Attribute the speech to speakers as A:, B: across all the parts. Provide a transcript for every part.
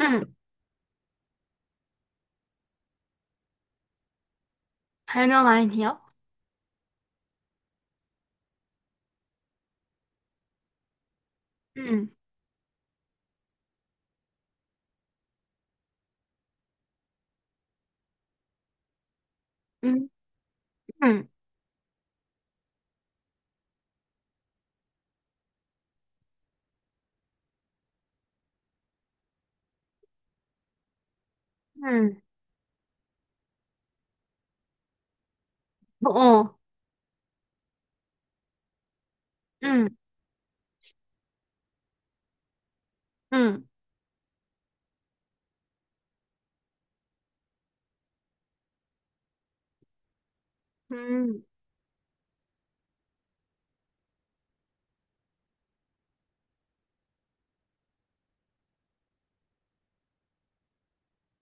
A: 응, 별명 아니요? 응, 응, 응, 응, 어, 어, 응, 응, 응,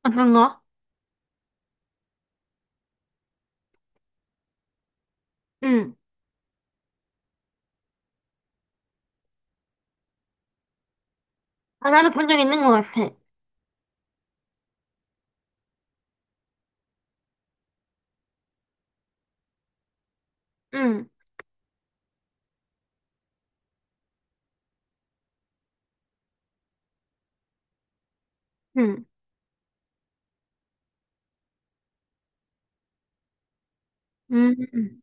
A: 어떤 거? 응, 아, 나도 본 적 있는 것 같아. 응, 응, 응, 응.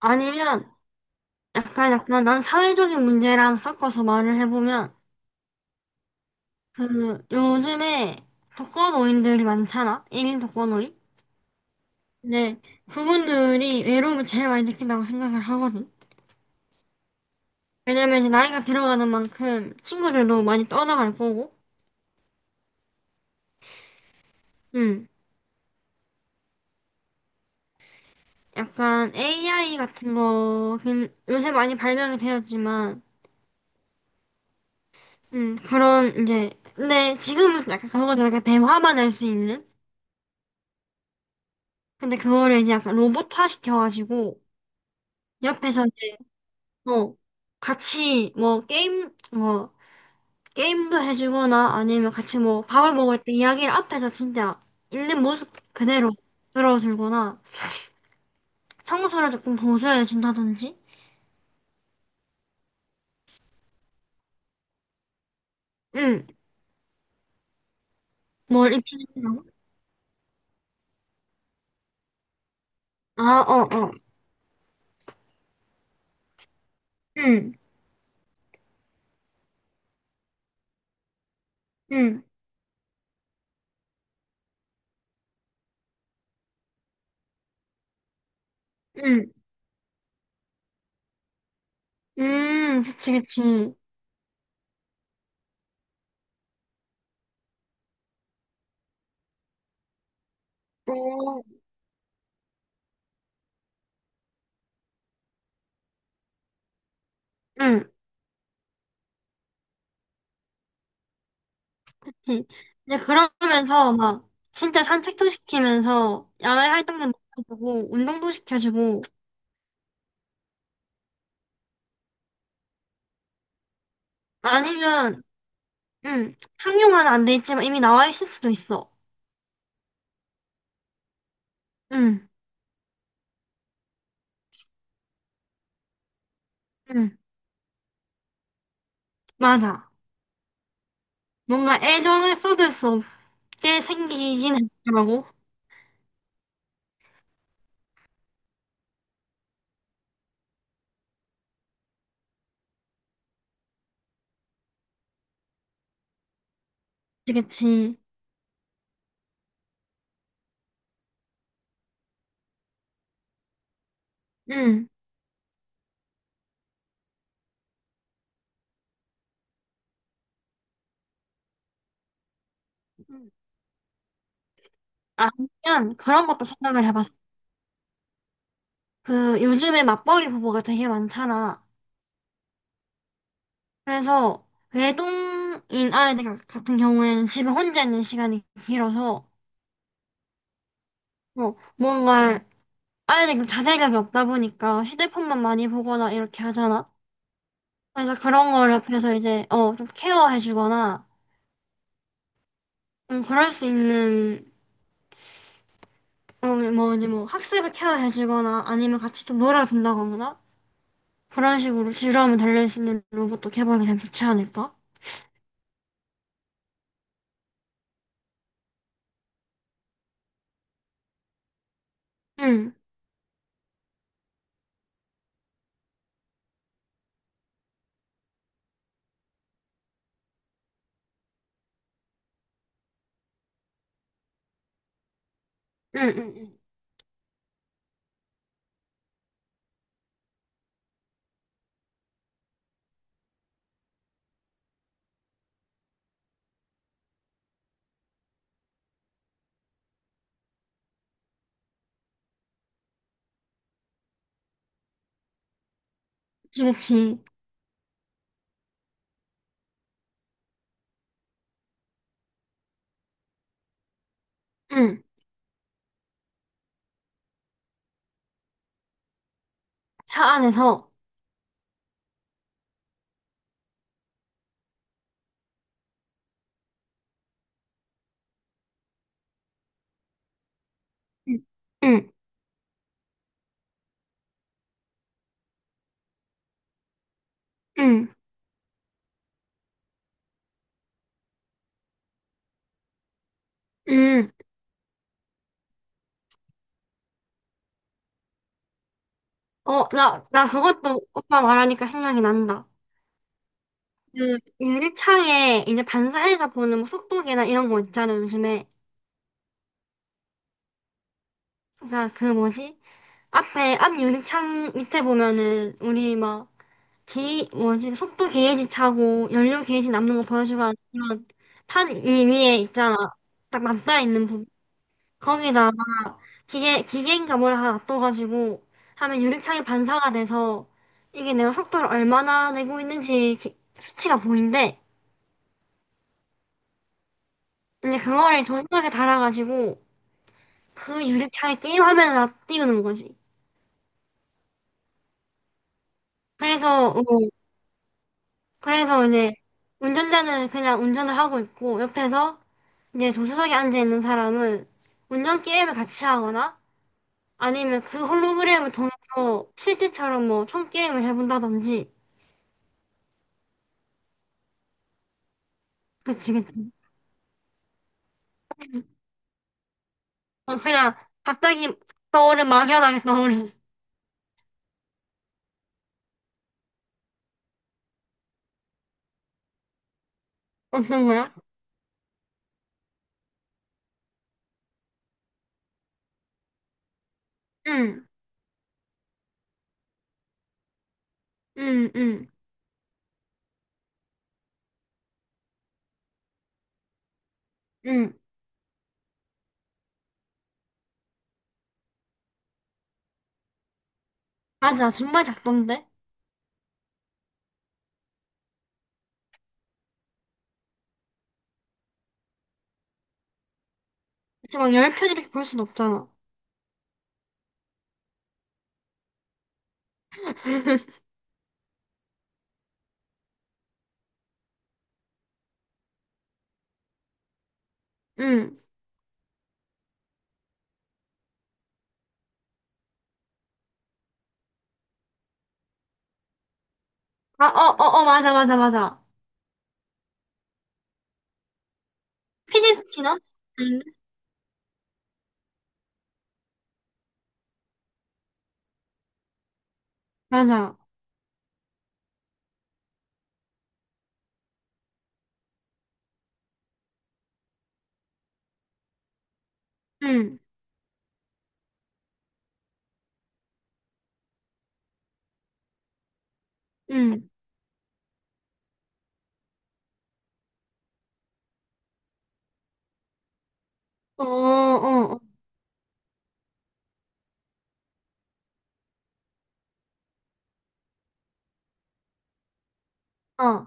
A: 아니면, 약간, 약간, 난 사회적인 문제랑 섞어서 말을 해보면, 그, 요즘에 독거노인들이 많잖아? 1인 독거노인? 네, 그분들이 외로움을 제일 많이 느낀다고 생각을 하거든. 왜냐면 이제 나이가 들어가는 만큼 친구들도 많이 떠나갈 거고, 응. 약간 AI 같은 거, 긴- 요새 많이 발명이 되었지만, 그런, 이제, 근데 지금은 약간 그거들 약간 대화만 할 수 있는? 근데 그거를 이제 약간 로봇화 시켜가지고, 옆에서 이제, 뭐 같이 뭐 게임, 뭐, 게임도 해주거나 아니면 같이 뭐 밥을 먹을 때 이야기를 앞에서 진짜 있는 모습 그대로 들어주거나, 청소를 조금 보조해준다든지, 응, 뭘 입히는 거? 아, 어, 어, 응, 응, 응. 그치, 그치. 음, 응, 그치. 이제 그러면서 막 진짜 산책도 시키면서 야외 활동도 시켜주고 운동도 시켜주고 아니면 응, 상용화는 안 돼 있지만 이미 나와 있을 수도 있어. 응, 응, 맞아. 뭔가 애정을 쏟을 수 없게 생기긴 했더라고. 그치, 그치. 응. 응. 아니면 그런 것도 생각을 해봤어. 그 요즘에 맞벌이 부부가 되게 많잖아. 그래서 외동인 아이들 같- 같은 경우에는 집에 혼자 있는 시간이 길어서 뭐 뭔가 아이들이 자제력이 없다 보니까 휴대폰만 많이 보거나 이렇게 하잖아. 그래서 그런 걸 옆에서 이제 어 좀 케어해주거나 좀 그럴 수 있는 어뭐 이제 뭐 학습을 케어해주거나 아니면 같이 좀 놀아준다거나 그런 식으로 지루함을 달랠 수 있는 로봇도 개발이 되면 좋지 않을까? 응, 응, 응, 응. 그렇지. 그치. 응. 차 안에서. 응, 응. 응. 음, 어, 나, 나 그것도 오빠 말하니까 생각이 난다. 그, 유리창에 이제 반사해서 보는 뭐 속도계나 이런 거 있잖아, 요즘에. 그니까 그 뭐지? 앞에, 앞 유리창 밑에 보면은, 우리 막, 기, 뭐지? 속도 게이지 차고, 연료 게이지 남는 거 보여주고 하는 그런 탄 위- 위에 있잖아. 딱 맞닿아 있는 부분. 거기다 기계, 기계인감을 하나 놔둬가지고 하면 유리창에 반사가 돼서 이게 내가 속도를 얼마나 내고 있는지 기- 수치가 보인대. 근데 그거를 조선하게 달아가지고 그 유리창에 게임 화면을 다 띄우는 거지. 그래서, 어, 그래서 이제 운전자는 그냥 운전을 하고 있고 옆에서 이제 조수석에 앉아있는 사람은 운전 게임을 같이 하거나 아니면 그 홀로그램을 통해서 실제처럼 뭐 총 게임을 해본다든지. 그치, 그치. 어, 그냥 갑자기 떠오른 막연하게 떠오른 어떤 거야? 응, 응, 응, 응. 맞아, 정말 작던데? 그치, 막 열편 이렇게 볼 순 없잖아. 응. 아, 어, 어, 어, 맞아, 맞아, 맞아. 피지 스피너? 응. 맞아. 응, 응. 어, 어, 어, 어.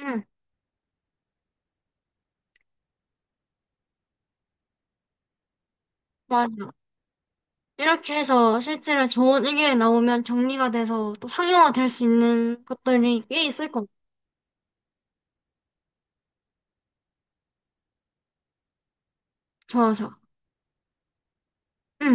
A: 응, 맞아. 이렇게 해서 실제로 좋은 의견이 나오면 정리가 돼서 또 상용화 될 수 있는 것들이 꽤 있을 것 같아. 좋아, 좋아. 응.